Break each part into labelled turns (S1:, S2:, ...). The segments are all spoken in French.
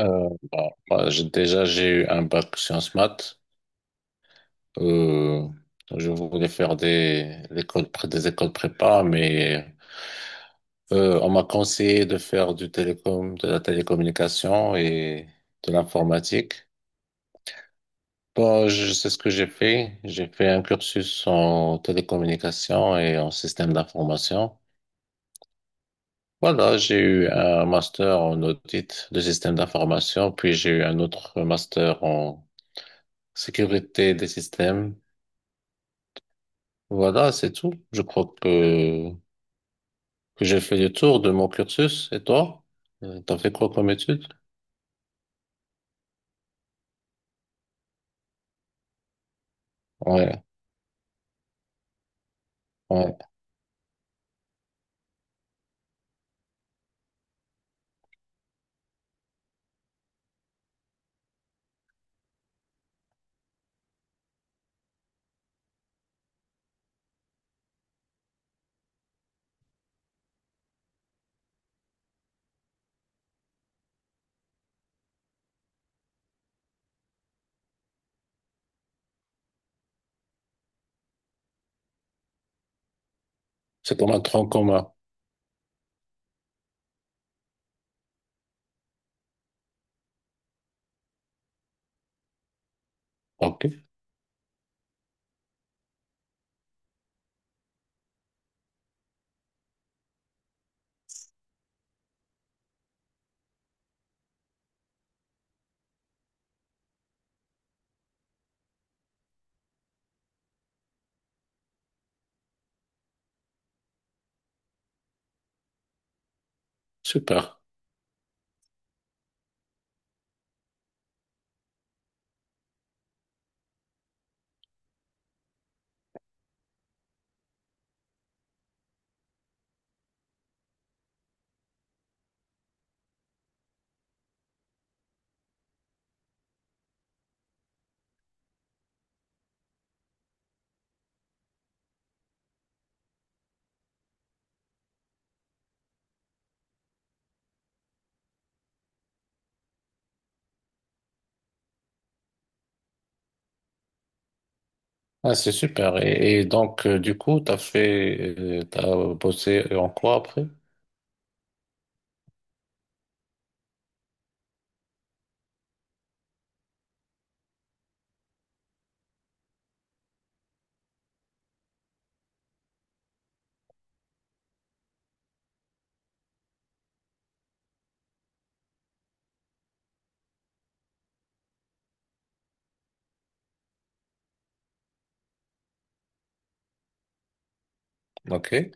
S1: Bon, moi, déjà, j'ai eu un bac sciences maths. Euh, je voulais faire des écoles prépa, mais on m'a conseillé de faire du télécom, de la télécommunication et de l'informatique. Bon, je c'est ce que j'ai fait. J'ai fait un cursus en télécommunication et en système d'information. Voilà, j'ai eu un master en audit de système d'information, puis j'ai eu un autre master en sécurité des systèmes. Voilà, c'est tout. Je crois que j'ai fait le tour de mon cursus. Et toi? T'as fait quoi comme étude? Ouais, ouais. C'est comme un tronc commun. Ok, super. Ah, c'est super. Et donc, du coup, t'as bossé en quoi après? Ok.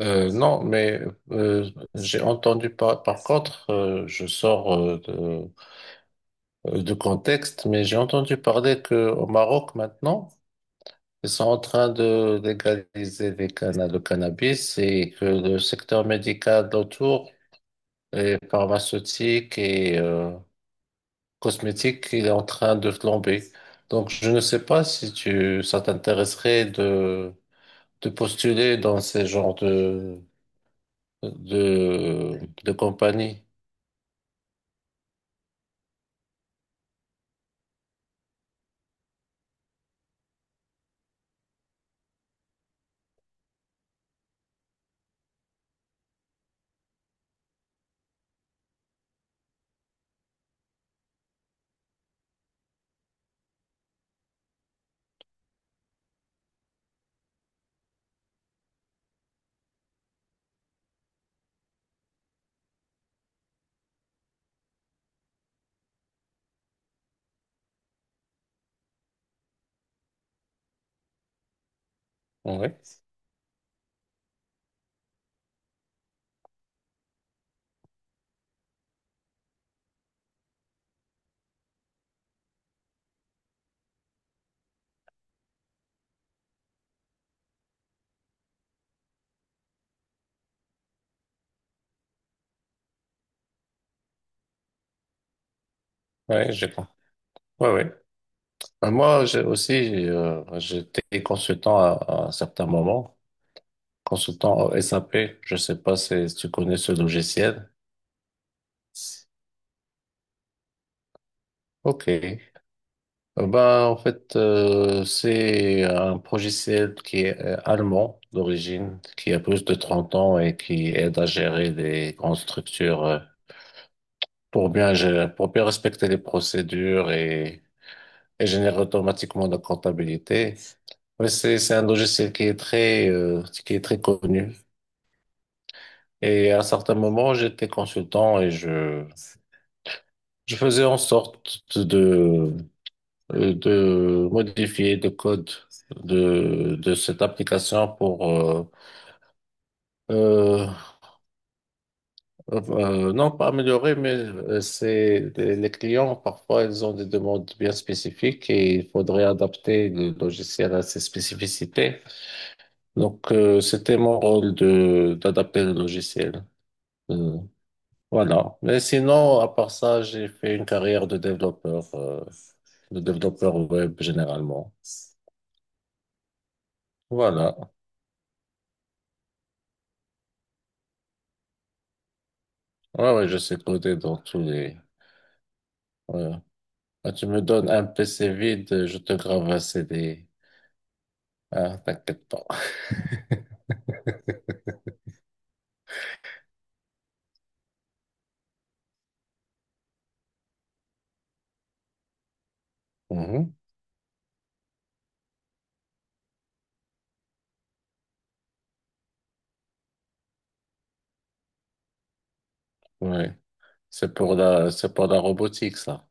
S1: Non, mais j'ai entendu par contre, je sors de contexte, mais j'ai entendu parler que au Maroc maintenant, ils sont en train de légaliser le cannabis et que le secteur médical autour, et pharmaceutique et cosmétique, il est en train de flamber. Donc, je ne sais pas si tu, ça t'intéresserait de postuler dans ces genres de, de compagnie. Oui, oui, j'ai compris. Oui, oui. Moi, j'étais consultant à un certain moment. Consultant SAP, je sais pas si tu connais ce logiciel. Ok. Ben, en fait, c'est un logiciel qui est allemand d'origine, qui a plus de 30 ans et qui aide à gérer des grandes structures pour bien gérer, pour bien respecter les procédures et générer automatiquement la comptabilité. Mais c'est un logiciel qui est très connu. Et à certains moments, j'étais consultant je faisais en sorte de modifier le code de cette application euh, non pas améliorer, mais les clients, parfois, ils ont des demandes bien spécifiques et il faudrait adapter le logiciel à ces spécificités. Donc, c'était mon rôle d'adapter le logiciel. euh, Voilà. Mais sinon, à part ça, j'ai fait une carrière de développeur web généralement. Voilà. Ouais, ouais, je sais coder dans tous les. Ouais. Ah, tu me donnes un PC vide, je te grave un CD. Ah, t'inquiète pas. Mhm. Ouais. C'est pour la robotique, ça.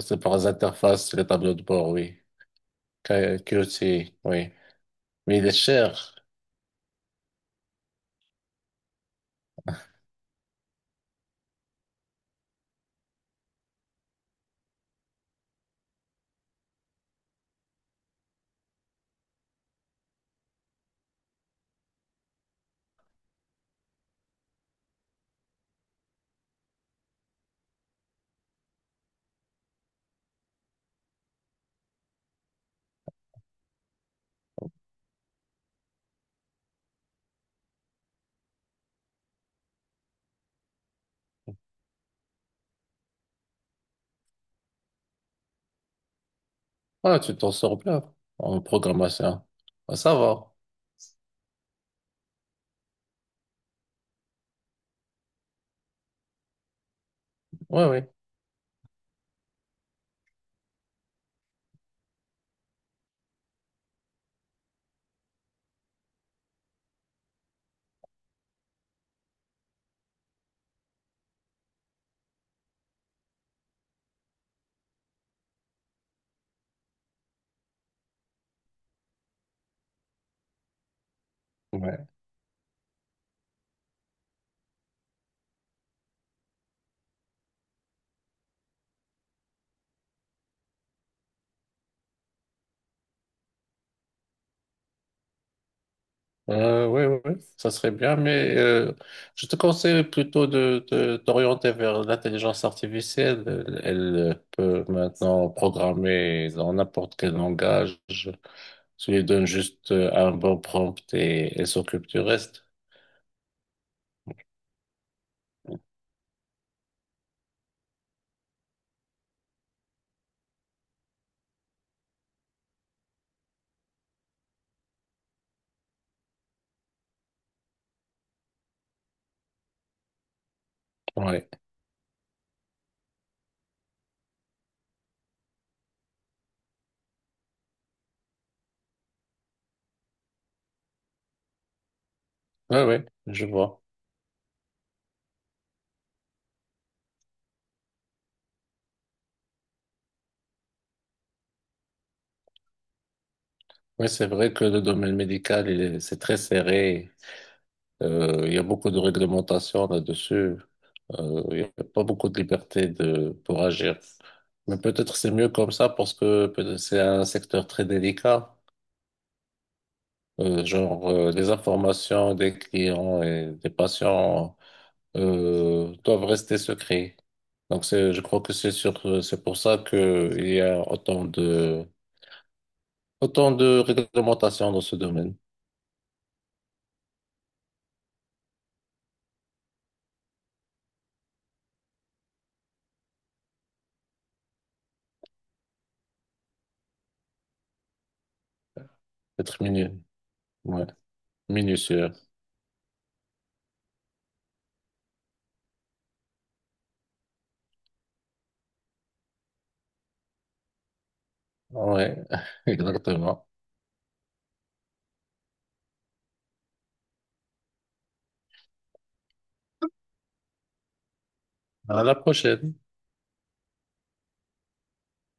S1: C'est pour les interfaces, les tableaux de bord, oui. QT, oui. Mais il est cher. Ah, tu t'en sors bien en programmation. Ah, ça va. Ouais, oui. Oui, oui, oui, ça serait bien, mais je te conseille plutôt de t'orienter vers l'intelligence artificielle. Elle peut maintenant programmer dans n'importe quel langage. Tu lui donnes juste un bon prompt et elle s'occupe du reste. Oui, oui, oui, je vois. Oui, c'est vrai que le domaine médical, c'est très serré. Il y a beaucoup de réglementations là-dessus. Il n'y a pas beaucoup de liberté pour agir. Mais peut-être c'est mieux comme ça parce que c'est un secteur très délicat. Genre, les informations des clients et des patients doivent rester secrets. Donc, je crois que c'est pour ça que il y a autant de réglementations dans ce domaine. Être minutieux. Ouais, minutieux. Ouais, exactement. À la prochaine.